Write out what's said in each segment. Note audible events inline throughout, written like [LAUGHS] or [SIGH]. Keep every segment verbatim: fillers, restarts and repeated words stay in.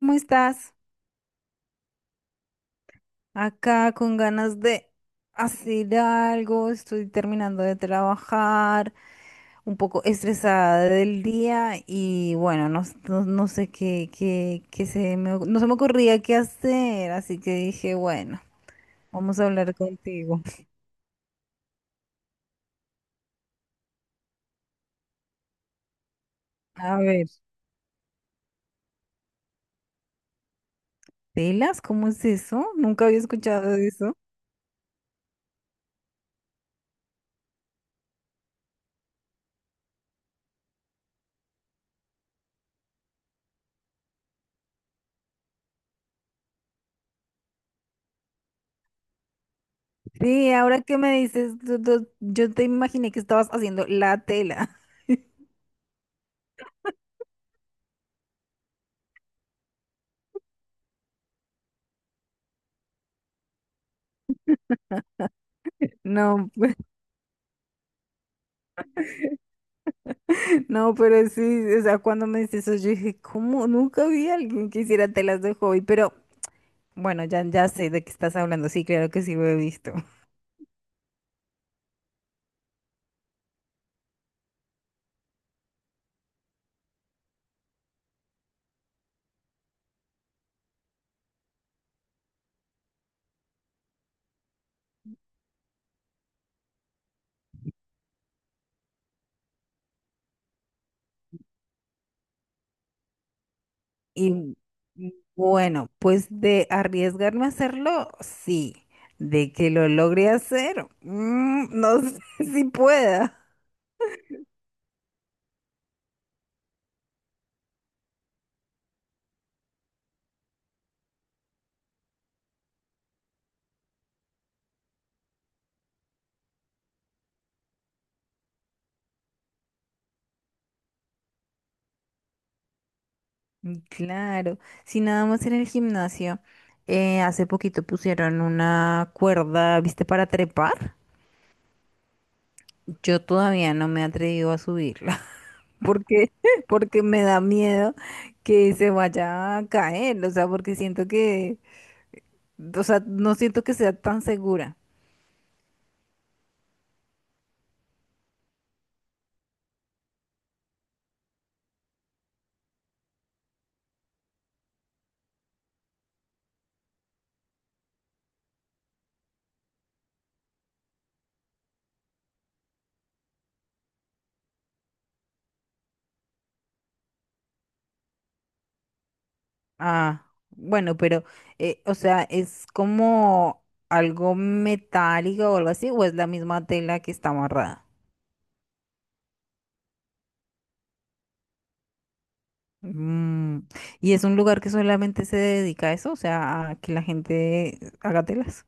¿Cómo estás? Acá con ganas de hacer algo, estoy terminando de trabajar, un poco estresada del día y bueno, no, s- no- no sé qué, qué, qué se me, oc- no se me ocurría qué hacer, así que dije, bueno, vamos a hablar contigo. [LAUGHS] A ver, ¿telas? ¿Cómo es eso? Nunca había escuchado de eso. Sí, ahora que me dices, tú- tú- yo te imaginé que estabas haciendo la tela. [LAUGHS] No. No, pero sí, o sea, cuando me dices eso, yo dije, ¿cómo? Nunca vi a alguien que hiciera telas de hobby, pero bueno, ya, ya sé de qué estás hablando, sí, claro que sí lo he visto. Y bueno, pues de arriesgarme a hacerlo, sí, de que lo logre hacer, mm, no [LAUGHS] sé si pueda. Mm, claro, si nada más en el gimnasio, eh, hace poquito pusieron una cuerda, ¿viste? Para trepar. Yo todavía no me he atrevido a subirla, porque, [LAUGHS] porque me da miedo que se vaya a caer, o sea, porque siento que, o sea, no siento que sea tan segura. Ah, bueno, pero, eh, o sea, ¿es como algo metálico o algo así, o es la misma tela que está amarrada? Mm, ¿Y es un lugar que solamente se dedica a eso? O sea, a que la gente haga telas.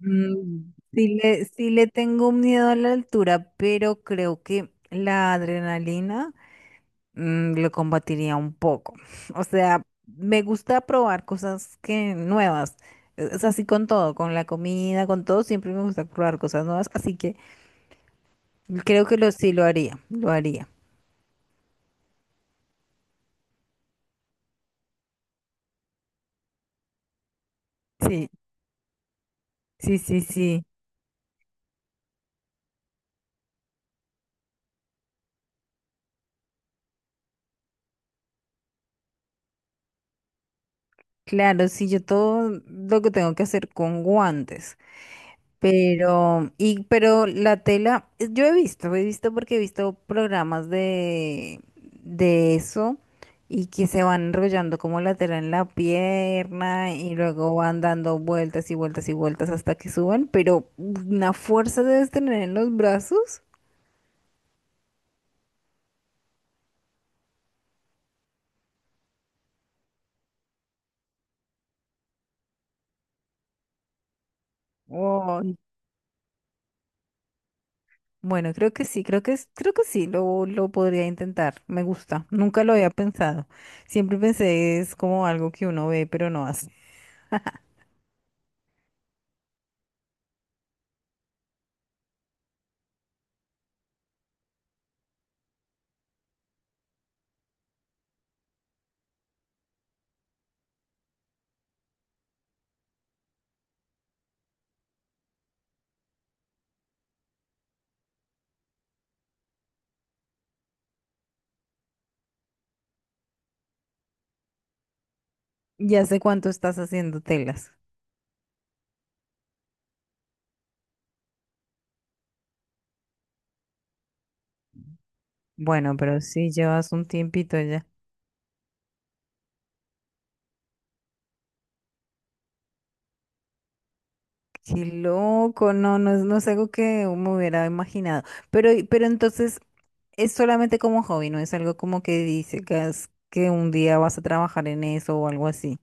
Mm, sí le, sí le tengo miedo a la altura, pero creo que la adrenalina mm, lo combatiría un poco. [LAUGHS] O sea, me gusta probar cosas que nuevas. e, Es así con todo, con la comida, con todo, siempre me gusta probar cosas nuevas, así que creo que lo sí lo haría, lo haría. Sí, sí, sí, sí. Claro, sí, yo todo lo que tengo que hacer con guantes. Pero, y, pero la tela, eh, yo he visto, he visto porque he visto programas de, de eso y que se van enrollando como la tela en la pierna y luego van dando vueltas y vueltas y vueltas hasta que suben, pero una fuerza debes tener en los brazos. Oh, bueno, creo que sí, creo que es, creo que sí, lo, lo podría intentar, me gusta, nunca lo había pensado, siempre pensé es como algo que uno ve pero no hace. ¿Ya sé cuánto estás haciendo telas? Bueno, pero sí llevas un tiempito ya. Qué loco, no, no es, no es algo que me hubiera imaginado. Pero, pero entonces es solamente como hobby, no es algo como que dices que, es- que un día vas a trabajar en eso o algo así.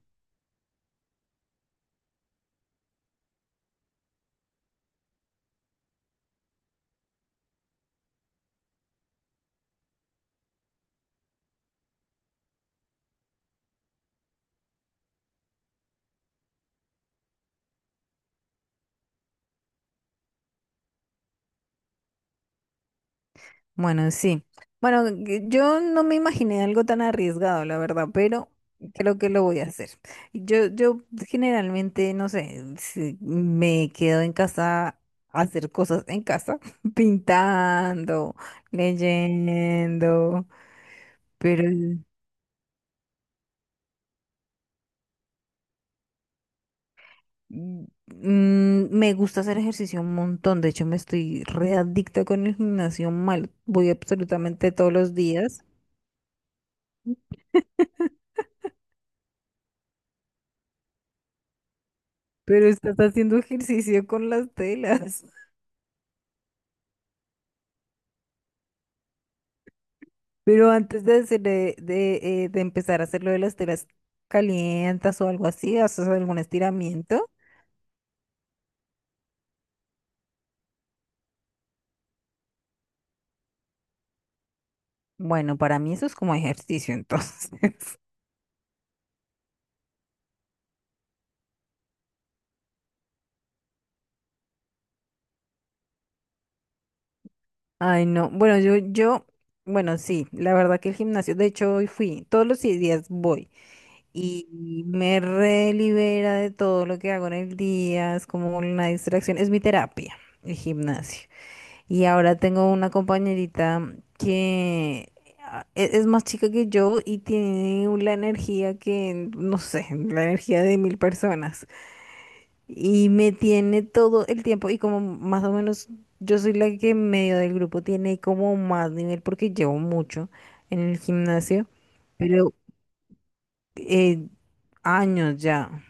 Bueno, sí. Bueno, que yo no me imaginé algo tan arriesgado, la verdad, pero creo que lo voy a hacer. Yo, yo generalmente, no sé, si me quedo en casa a hacer cosas en casa, [LAUGHS] pintando, leyendo, pero mm, mm, me gusta hacer ejercicio un montón. De hecho, me estoy readicta con el gimnasio mal. Voy absolutamente todos los días, pero estás haciendo ejercicio con las telas. Pero antes de, hacer- de, de, eh, de empezar a hacer lo de las telas calientas o algo así, ¿haces algún estiramiento? Bueno, para mí eso es como ejercicio, entonces. [LAUGHS] Ay, no. Bueno, yo, yo, bueno, sí, la verdad que el gimnasio, de hecho, hoy fui, todos los días voy y me relibera de todo lo que hago en el día, es como una distracción, es mi terapia, el gimnasio. Y ahora tengo una compañerita que ah, e- es más chica que yo y tiene la energía que, no sé, la energía de mil personas. Y me tiene todo el tiempo y como más o menos yo soy la que en medio del grupo tiene como más nivel porque llevo mucho en el gimnasio, pero eh, años ya,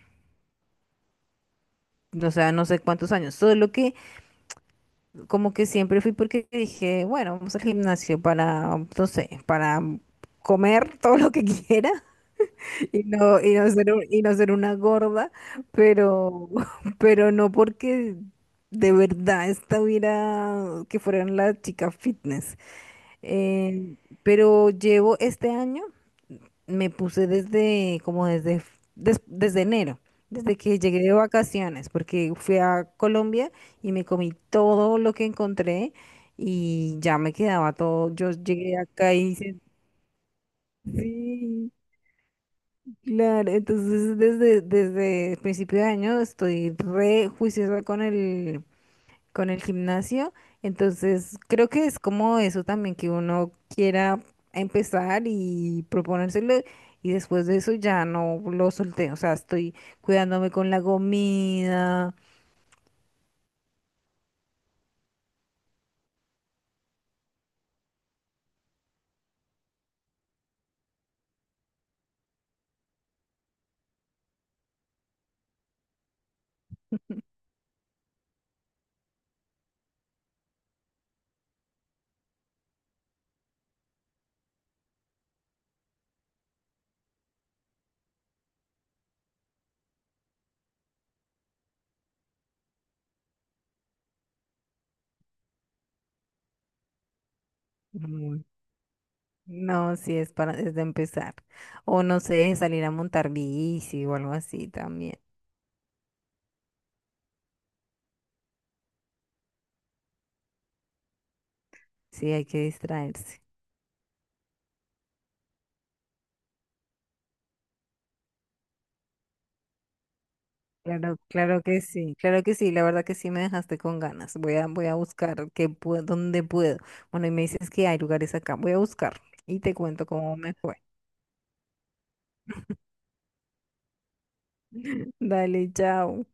o sea, no sé cuántos años, solo que... como que siempre fui porque dije, bueno, vamos al gimnasio para, no sé, para comer todo lo que quiera [LAUGHS] y no, y no ser, un- y no ser una gorda, pero, [LAUGHS] pero no porque de verdad estuviera, que fueran la chica fitness. Eh, pero llevo este año me puse desde, como desde, f- des- desde enero, desde que llegué de vacaciones, porque fui a Colombia y me comí todo lo que encontré y ya me quedaba todo. Yo llegué acá y hice, sí, claro. Entonces, desde, desde principio de año estoy re juiciosa con el, con el gimnasio. Entonces, creo que es como eso también, que uno quiera empezar y proponérselo y después de eso ya no lo solté. O sea, estoy cuidándome con la comida. Mm, no, si es para desde empezar. O no sé, salir a montar bici o algo así también. Sí, hay que distraerse. Claro, claro que sí, claro que sí, la verdad que sí me dejaste con ganas. Voy a, voy a buscar qué puedo, dónde puedo. Bueno, y me dices que hay lugares acá, voy a buscar y te cuento cómo me fue. Dale, chao.